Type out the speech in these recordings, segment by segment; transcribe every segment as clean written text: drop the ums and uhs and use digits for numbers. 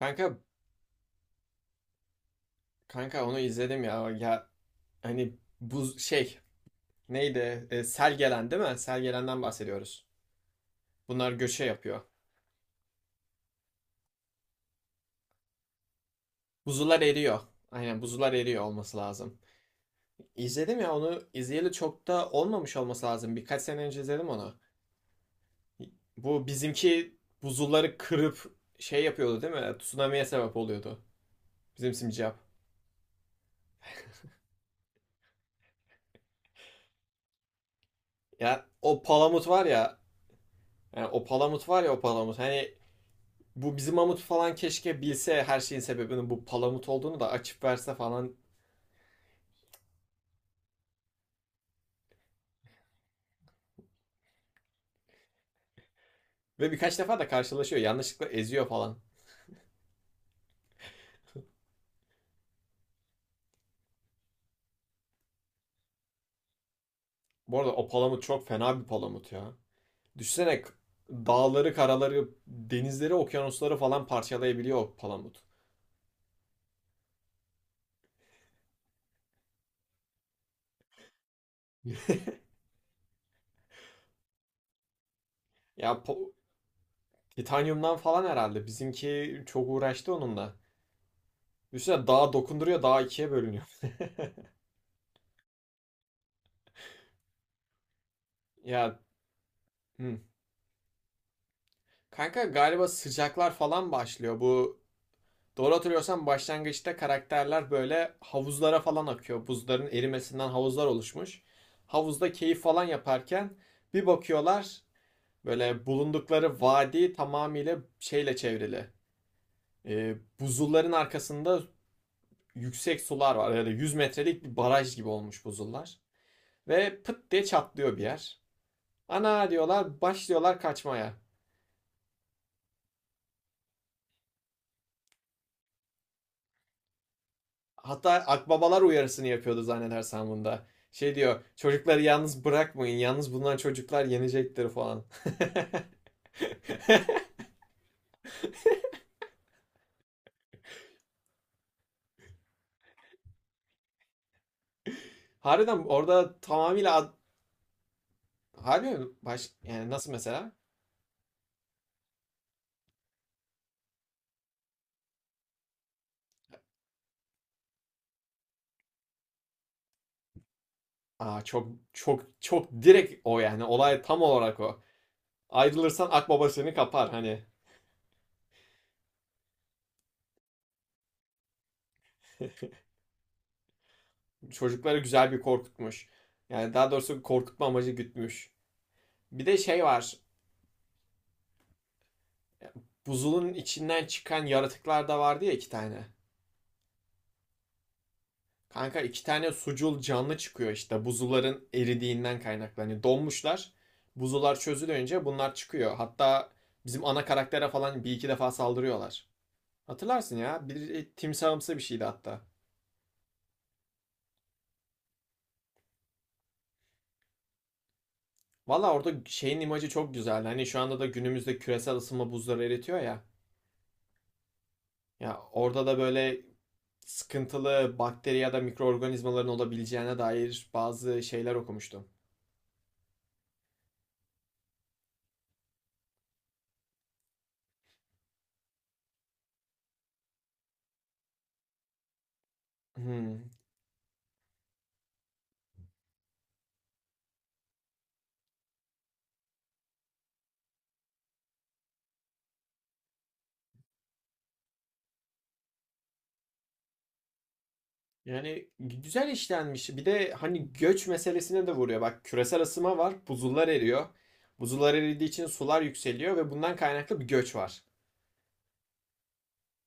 Kanka kanka, onu izledim ya. Ya hani bu şey, neydi? Sel gelen değil mi? Sel gelenden bahsediyoruz. Bunlar göçe yapıyor. Buzullar eriyor. Aynen, buzullar eriyor olması lazım. İzledim ya, onu izleyeli çok da olmamış olması lazım. Birkaç sene önce izledim onu. Bu bizimki buzulları kırıp şey yapıyordu değil mi? Tsunami'ye sebep oluyordu. Bizim simcap. Ya, o palamut var ya. Yani o palamut var ya, o palamut. Hani bu bizim Mamut falan keşke bilse her şeyin sebebinin bu palamut olduğunu da açıp verse falan. Ve birkaç defa da karşılaşıyor. Yanlışlıkla eziyor falan. Bu arada, o palamut çok fena bir palamut ya. Düşünsene, dağları, karaları, denizleri, okyanusları falan parçalayabiliyor o palamut. Ya po- Titanyumdan falan herhalde. Bizimki çok uğraştı onunla. Düşünsene, dağa dokunduruyor, dağ ikiye bölünüyor. Ya, hı. Kanka galiba sıcaklar falan başlıyor. Bu doğru hatırlıyorsam, başlangıçta karakterler böyle havuzlara falan akıyor. Buzların erimesinden havuzlar oluşmuş. Havuzda keyif falan yaparken bir bakıyorlar, böyle bulundukları vadi tamamıyla şeyle çevrili. Buzulların arkasında yüksek sular var. Yani 100 metrelik bir baraj gibi olmuş buzullar. Ve pıt diye çatlıyor bir yer. Ana diyorlar, başlıyorlar kaçmaya. Hatta akbabalar uyarısını yapıyordu zannedersem bunda. Şey diyor, çocukları yalnız bırakmayın. Yalnız bundan çocuklar yenecektir falan. Harbiden orada tamamıyla harbi. Baş, yani nasıl mesela? Aa, çok çok çok direkt o yani. Olay tam olarak o. Ayrılırsan akbaba seni kapar hani. Çocukları güzel bir korkutmuş. Yani daha doğrusu korkutma amacı gütmüş. Bir de şey var. Buzulun içinden çıkan yaratıklar da vardı ya, iki tane. Kanka iki tane sucul canlı çıkıyor işte, buzulların eridiğinden kaynaklanıyor. Donmuşlar. Buzular çözülünce bunlar çıkıyor. Hatta bizim ana karaktere falan bir iki defa saldırıyorlar. Hatırlarsın ya. Bir timsahımsı bir şeydi hatta. Valla orada şeyin imajı çok güzel. Hani şu anda da günümüzde küresel ısınma buzları eritiyor ya. Ya orada da böyle sıkıntılı bakteri ya da mikroorganizmaların olabileceğine dair bazı şeyler okumuştum. Hmm. Yani güzel işlenmiş. Bir de hani göç meselesine de vuruyor. Bak, küresel ısınma var, buzullar eriyor. Buzullar eridiği için sular yükseliyor ve bundan kaynaklı bir göç var.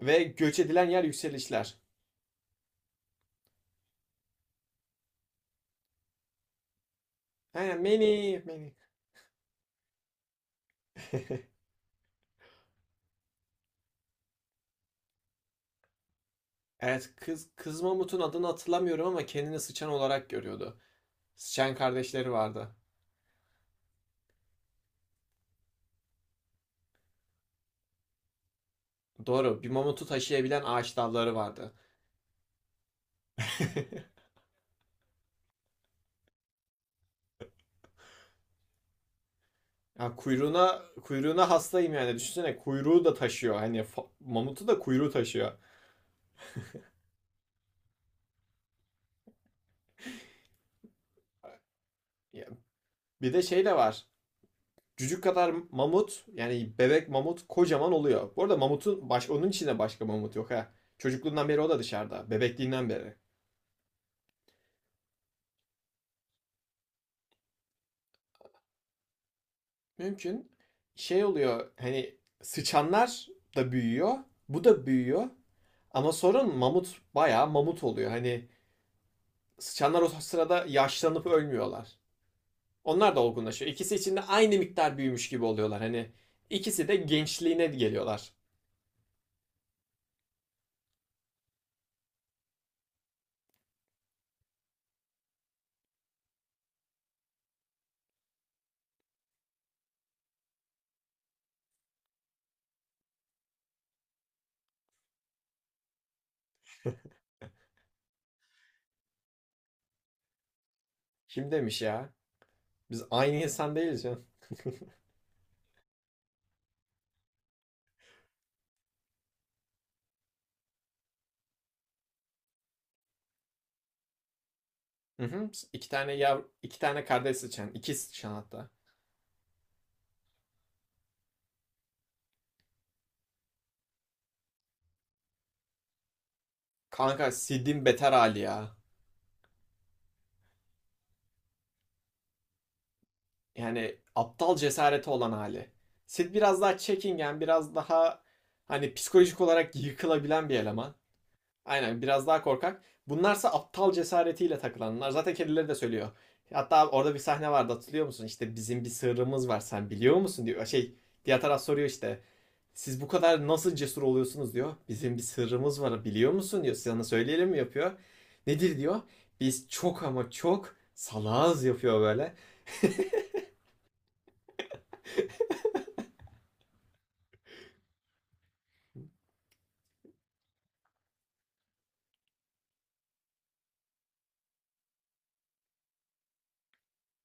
Ve göç edilen yer yükselişler. He, many, many. Evet, kız mamutun adını hatırlamıyorum ama kendini sıçan olarak görüyordu. Sıçan kardeşleri vardı. Doğru, bir mamutu taşıyabilen ağaç dalları vardı. Ya, kuyruğuna hastayım yani. Düşünsene, kuyruğu da taşıyor. Hani mamutu da kuyruğu taşıyor. Bir de şey de var. Cücük kadar mamut, yani bebek mamut kocaman oluyor. Bu arada mamutun baş, onun içinde başka mamut yok ha. Çocukluğundan beri o da dışarıda. Bebekliğinden beri. Mümkün. Şey oluyor, hani sıçanlar da büyüyor. Bu da büyüyor. Ama sorun, mamut bayağı mamut oluyor. Hani sıçanlar o sırada yaşlanıp ölmüyorlar. Onlar da olgunlaşıyor. İkisi içinde aynı miktar büyümüş gibi oluyorlar. Hani ikisi de gençliğine geliyorlar. Kim demiş ya? Biz aynı insan değiliz ya. Hı hı. İki tane yav, iki tane kardeş sıçan, iki sıçan hatta. Kanka Sid'in beter hali ya. Yani aptal cesareti olan hali. Sid biraz daha çekingen, biraz daha hani psikolojik olarak yıkılabilen bir eleman. Aynen, biraz daha korkak. Bunlarsa aptal cesaretiyle takılanlar. Zaten kedileri de söylüyor. Hatta orada bir sahne vardı, hatırlıyor musun? İşte bizim bir sırrımız var, sen biliyor musun diyor. Şey, diğer taraf soruyor işte. Siz bu kadar nasıl cesur oluyorsunuz diyor. Bizim bir sırrımız var biliyor musun diyor. Sana söyleyelim mi yapıyor. Nedir diyor. Biz çok ama çok salağız yapıyor böyle.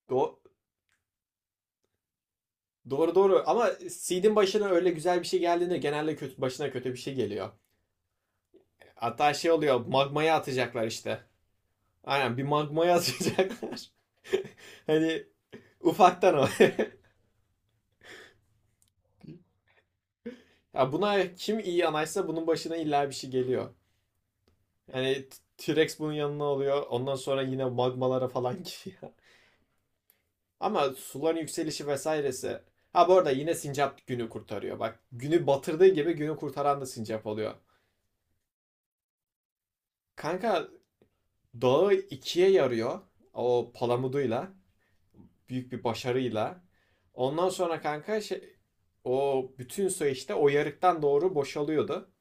Do- doğru doğru, ama Seed'in başına öyle güzel bir şey geldiğinde genelde kötü, başına kötü bir şey geliyor. Hatta şey oluyor, magmaya atacaklar işte. Aynen, bir magmaya atacaklar. Hani ufaktan o. Ya buna kim iyi anaysa, bunun başına illa bir şey geliyor. Yani T- rex bunun yanına oluyor. Ondan sonra yine magmalara falan giriyor. Ama suların yükselişi vesairesi. Ha, bu arada yine sincap günü kurtarıyor. Bak, günü batırdığı gibi günü kurtaran da sincap oluyor. Kanka dağı ikiye yarıyor. O palamuduyla. Büyük bir başarıyla. Ondan sonra kanka şey, o bütün su işte o yarıktan doğru boşalıyordu.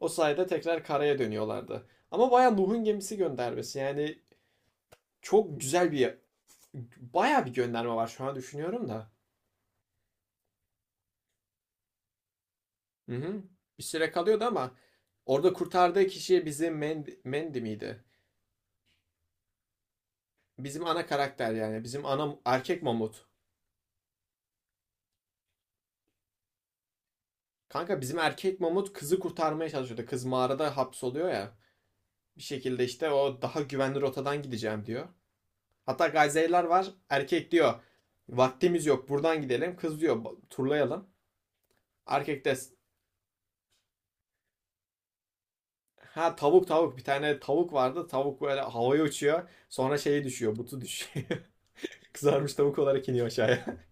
O sayede tekrar karaya dönüyorlardı. Ama bayağı Nuh'un gemisi göndermesi. Yani çok güzel bir, bayağı bir gönderme var şu an düşünüyorum da. Hı hı. Bir süre kalıyordu ama orada kurtardığı kişi bizim Mandy miydi? Bizim ana karakter yani. Bizim ana erkek mamut. Kanka bizim erkek mamut kızı kurtarmaya çalışıyordu. Kız mağarada hapsoluyor ya. Bir şekilde işte, o daha güvenli rotadan gideceğim diyor. Hatta gazeteciler var. Erkek diyor, vaktimiz yok buradan gidelim. Kız diyor, "Ba- turlayalım." Erkek de ha, tavuk, bir tane tavuk vardı. Tavuk böyle havaya uçuyor. Sonra şeyi düşüyor. Butu düşüyor. Kızarmış tavuk olarak iniyor aşağıya.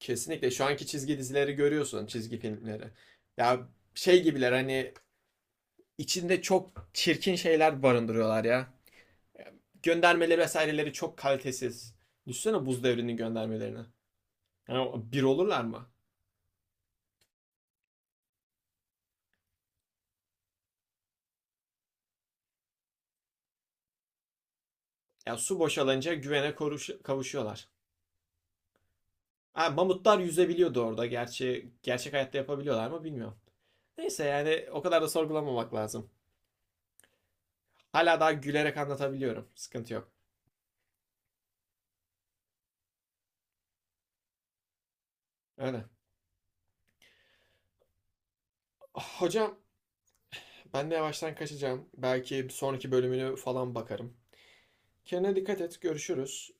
Kesinlikle, şu anki çizgi dizileri görüyorsun, çizgi filmleri. Ya şey gibiler hani, içinde çok çirkin şeyler barındırıyorlar ya. Göndermeleri vesaireleri çok kalitesiz. Düşünsene buz devrinin göndermelerini. Yani bir olurlar mı? Ya su boşalınca güvene, koruş kavuşuyorlar. Ha, mamutlar yüzebiliyordu orada. Gerçi gerçek hayatta yapabiliyorlar mı bilmiyorum. Neyse, yani o kadar da sorgulamamak lazım. Hala daha gülerek anlatabiliyorum. Sıkıntı yok. Öyle. Hocam, ben de yavaştan kaçacağım. Belki sonraki bölümünü falan bakarım. Kendine dikkat et. Görüşürüz.